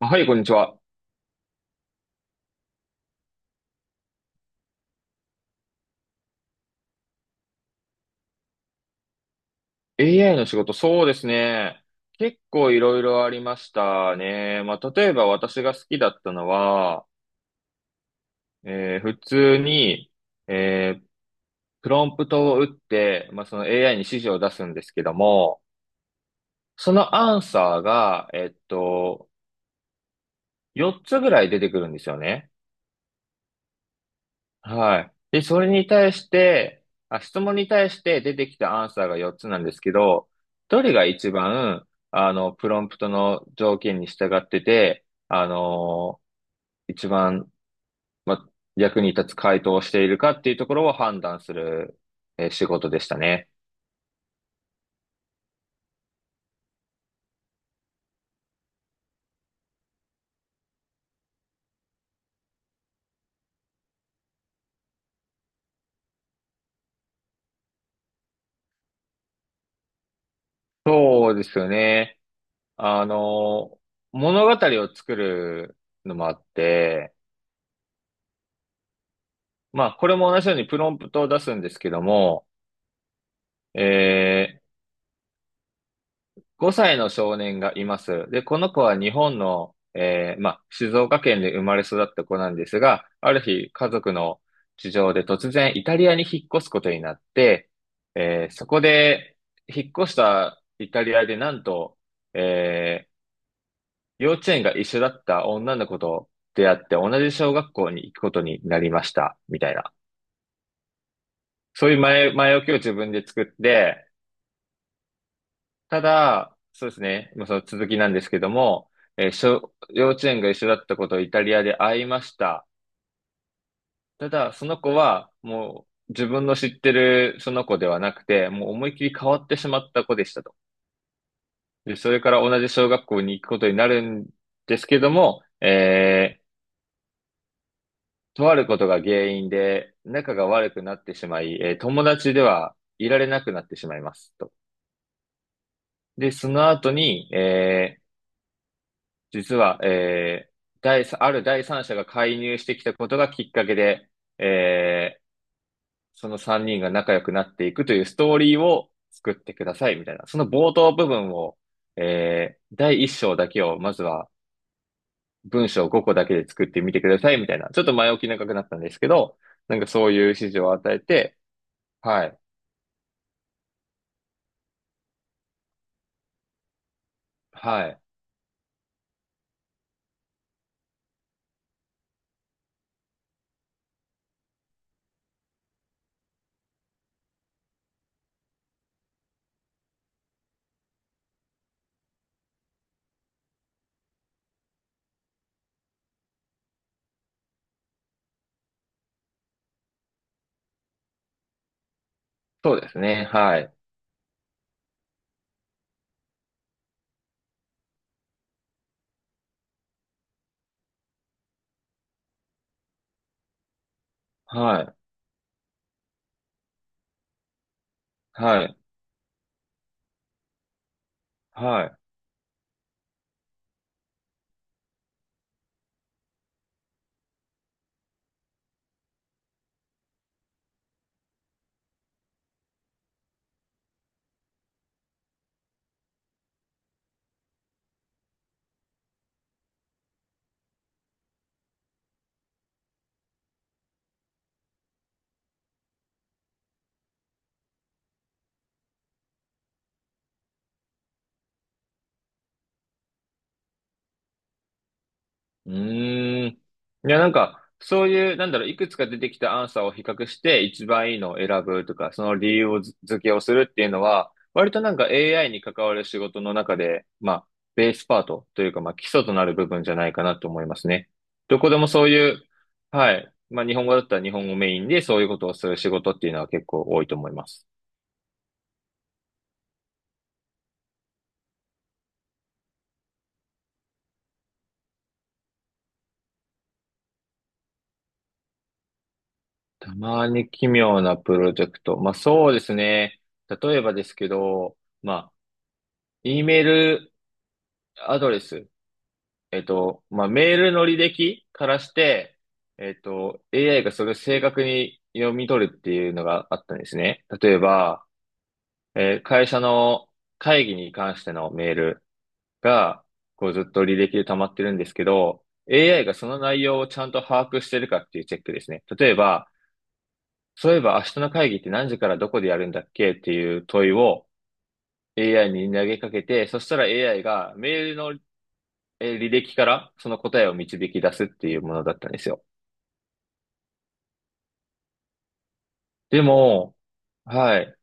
はい、こんにちは。AI の仕事、そうですね。結構いろいろありましたね。まあ、例えば私が好きだったのは、普通に、えープロンプトを打って、まあ、その AI に指示を出すんですけども、そのアンサーが、4つぐらい出てくるんですよね。はい。で、それに対して、あ、質問に対して出てきたアンサーが4つなんですけど、どれが一番、あの、プロンプトの条件に従ってて、あの一番、ま、役に立つ回答をしているかっていうところを判断する、仕事でしたね。そうですよね。あの、物語を作るのもあって、まあ、これも同じようにプロンプトを出すんですけども、え5歳の少年がいます。で、この子は日本の、まあ、静岡県で生まれ育った子なんですが、ある日、家族の事情で突然イタリアに引っ越すことになって、そこで、引っ越したイタリアでなんと、えー幼稚園が一緒だった女の子と出会って同じ小学校に行くことになりました、みたいな。そういう前置きを自分で作って、ただ、そうですね。まあ、その続きなんですけども、えー小、幼稚園が一緒だったことをイタリアで会いました。ただ、その子はもう自分の知ってるその子ではなくて、もう思いっきり変わってしまった子でしたと。で、それから同じ小学校に行くことになるんですけども、とあることが原因で仲が悪くなってしまい、友達ではいられなくなってしまいますと。で、その後に、実は、えー第三、ある第三者が介入してきたことがきっかけで、えーその3人が仲良くなっていくというストーリーを作ってください、みたいな。その冒頭部分を、第一章だけを、まずは文章5個だけで作ってみてください、みたいな。ちょっと前置き長くなったんですけど、なんかそういう指示を与えて、はい、はい、そうですね、はい、はい、はい、はい。うーん。いや、なんか、そういう、なんだろう、いくつか出てきたアンサーを比較して、一番いいのを選ぶとか、その理由をず付けをするっていうのは、割となんか AI に関わる仕事の中で、まあ、ベースパートというか、まあ、基礎となる部分じゃないかなと思いますね。どこでもそういう、はい。まあ、日本語だったら日本語メインで、そういうことをする仕事っていうのは結構多いと思います。たまに奇妙なプロジェクト。まあ、そうですね。例えばですけど、まあ、E メールアドレス、まあ、メールの履歴からして、AI がそれを正確に読み取るっていうのがあったんですね。例えば、会社の会議に関してのメールが、こうずっと履歴で溜まってるんですけど、AI がその内容をちゃんと把握してるかっていうチェックですね。例えば、そういえば明日の会議って何時からどこでやるんだっけっていう問いを AI に投げかけて、そしたら AI がメールの履歴からその答えを導き出すっていうものだったんですよ。でも、はい。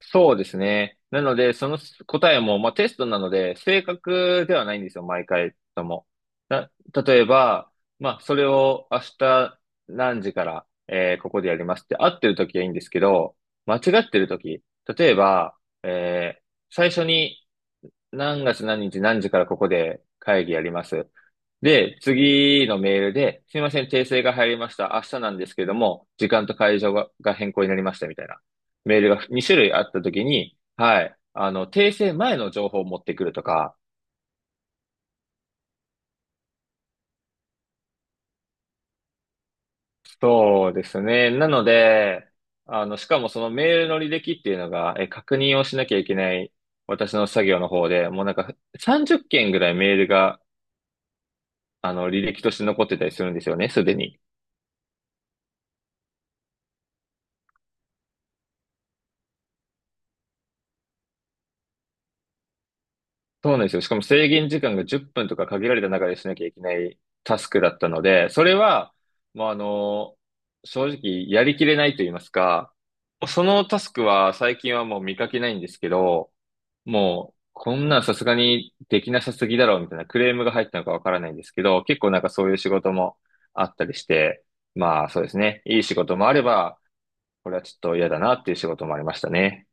そうですね。なので、その答えも、まあ、テストなので、正確ではないんですよ、毎回とも。な、例えば、まあ、それを明日何時から、ここでやりますって合ってる時はいいんですけど、間違ってる時、例えば、えー最初に何月何日何時からここで会議やります。で、次のメールで、すみません、訂正が入りました。明日なんですけども、時間と会場が変更になりましたみたいなメールが2種類あったときに、はい、あの、訂正前の情報を持ってくるとか、そうですね。なので、あの、しかもそのメールの履歴っていうのが、え、確認をしなきゃいけない私の作業の方で、もうなんか30件ぐらいメールが、あの、履歴として残ってたりするんですよね、すでに。そうなんですよ。しかも制限時間が10分とか限られた中でしなきゃいけないタスクだったので、それは、もうあの、正直やりきれないと言いますか、そのタスクは最近はもう見かけないんですけど、もうこんなんさすがにできなさすぎだろうみたいなクレームが入ったのかわからないんですけど、結構なんかそういう仕事もあったりして、まあそうですね。いい仕事もあれば、これはちょっと嫌だなっていう仕事もありましたね。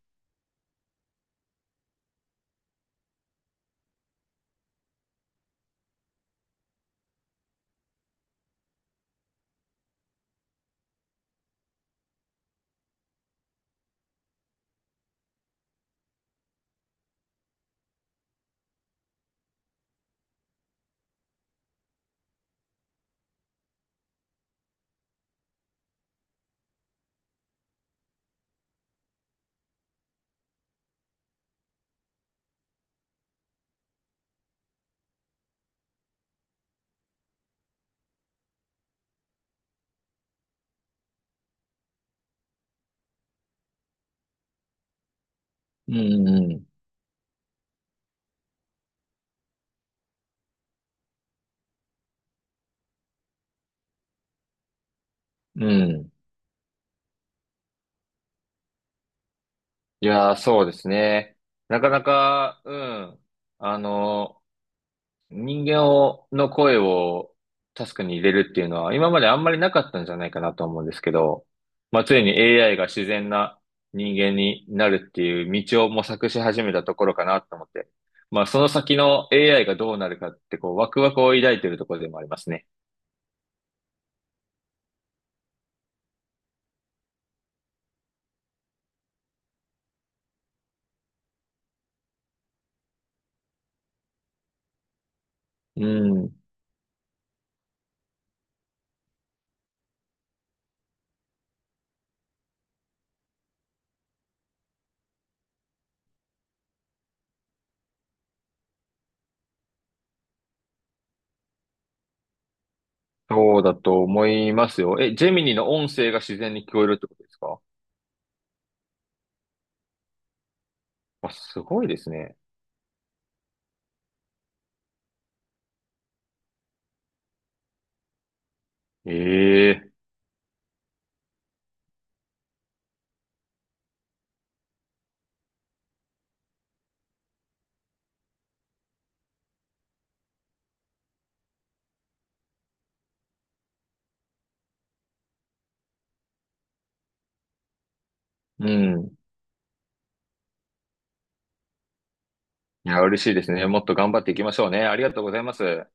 うんうんうん。うん。いやー、そうですね。なかなか、うん。あの、人間を、の声をタスクに入れるっていうのは、今まであんまりなかったんじゃないかなと思うんですけど、まあ、ついに AI が自然な人間になるっていう道を模索し始めたところかなと思って。まあ、その先の AI がどうなるかって、こう、ワクワクを抱いてるところでもありますね。うん。そうだと思いますよ。え、ジェミニの音声が自然に聞こえるってことですか？あ、すごいですね。ええ。うん。いや、嬉しいですね。もっと頑張っていきましょうね。ありがとうございます。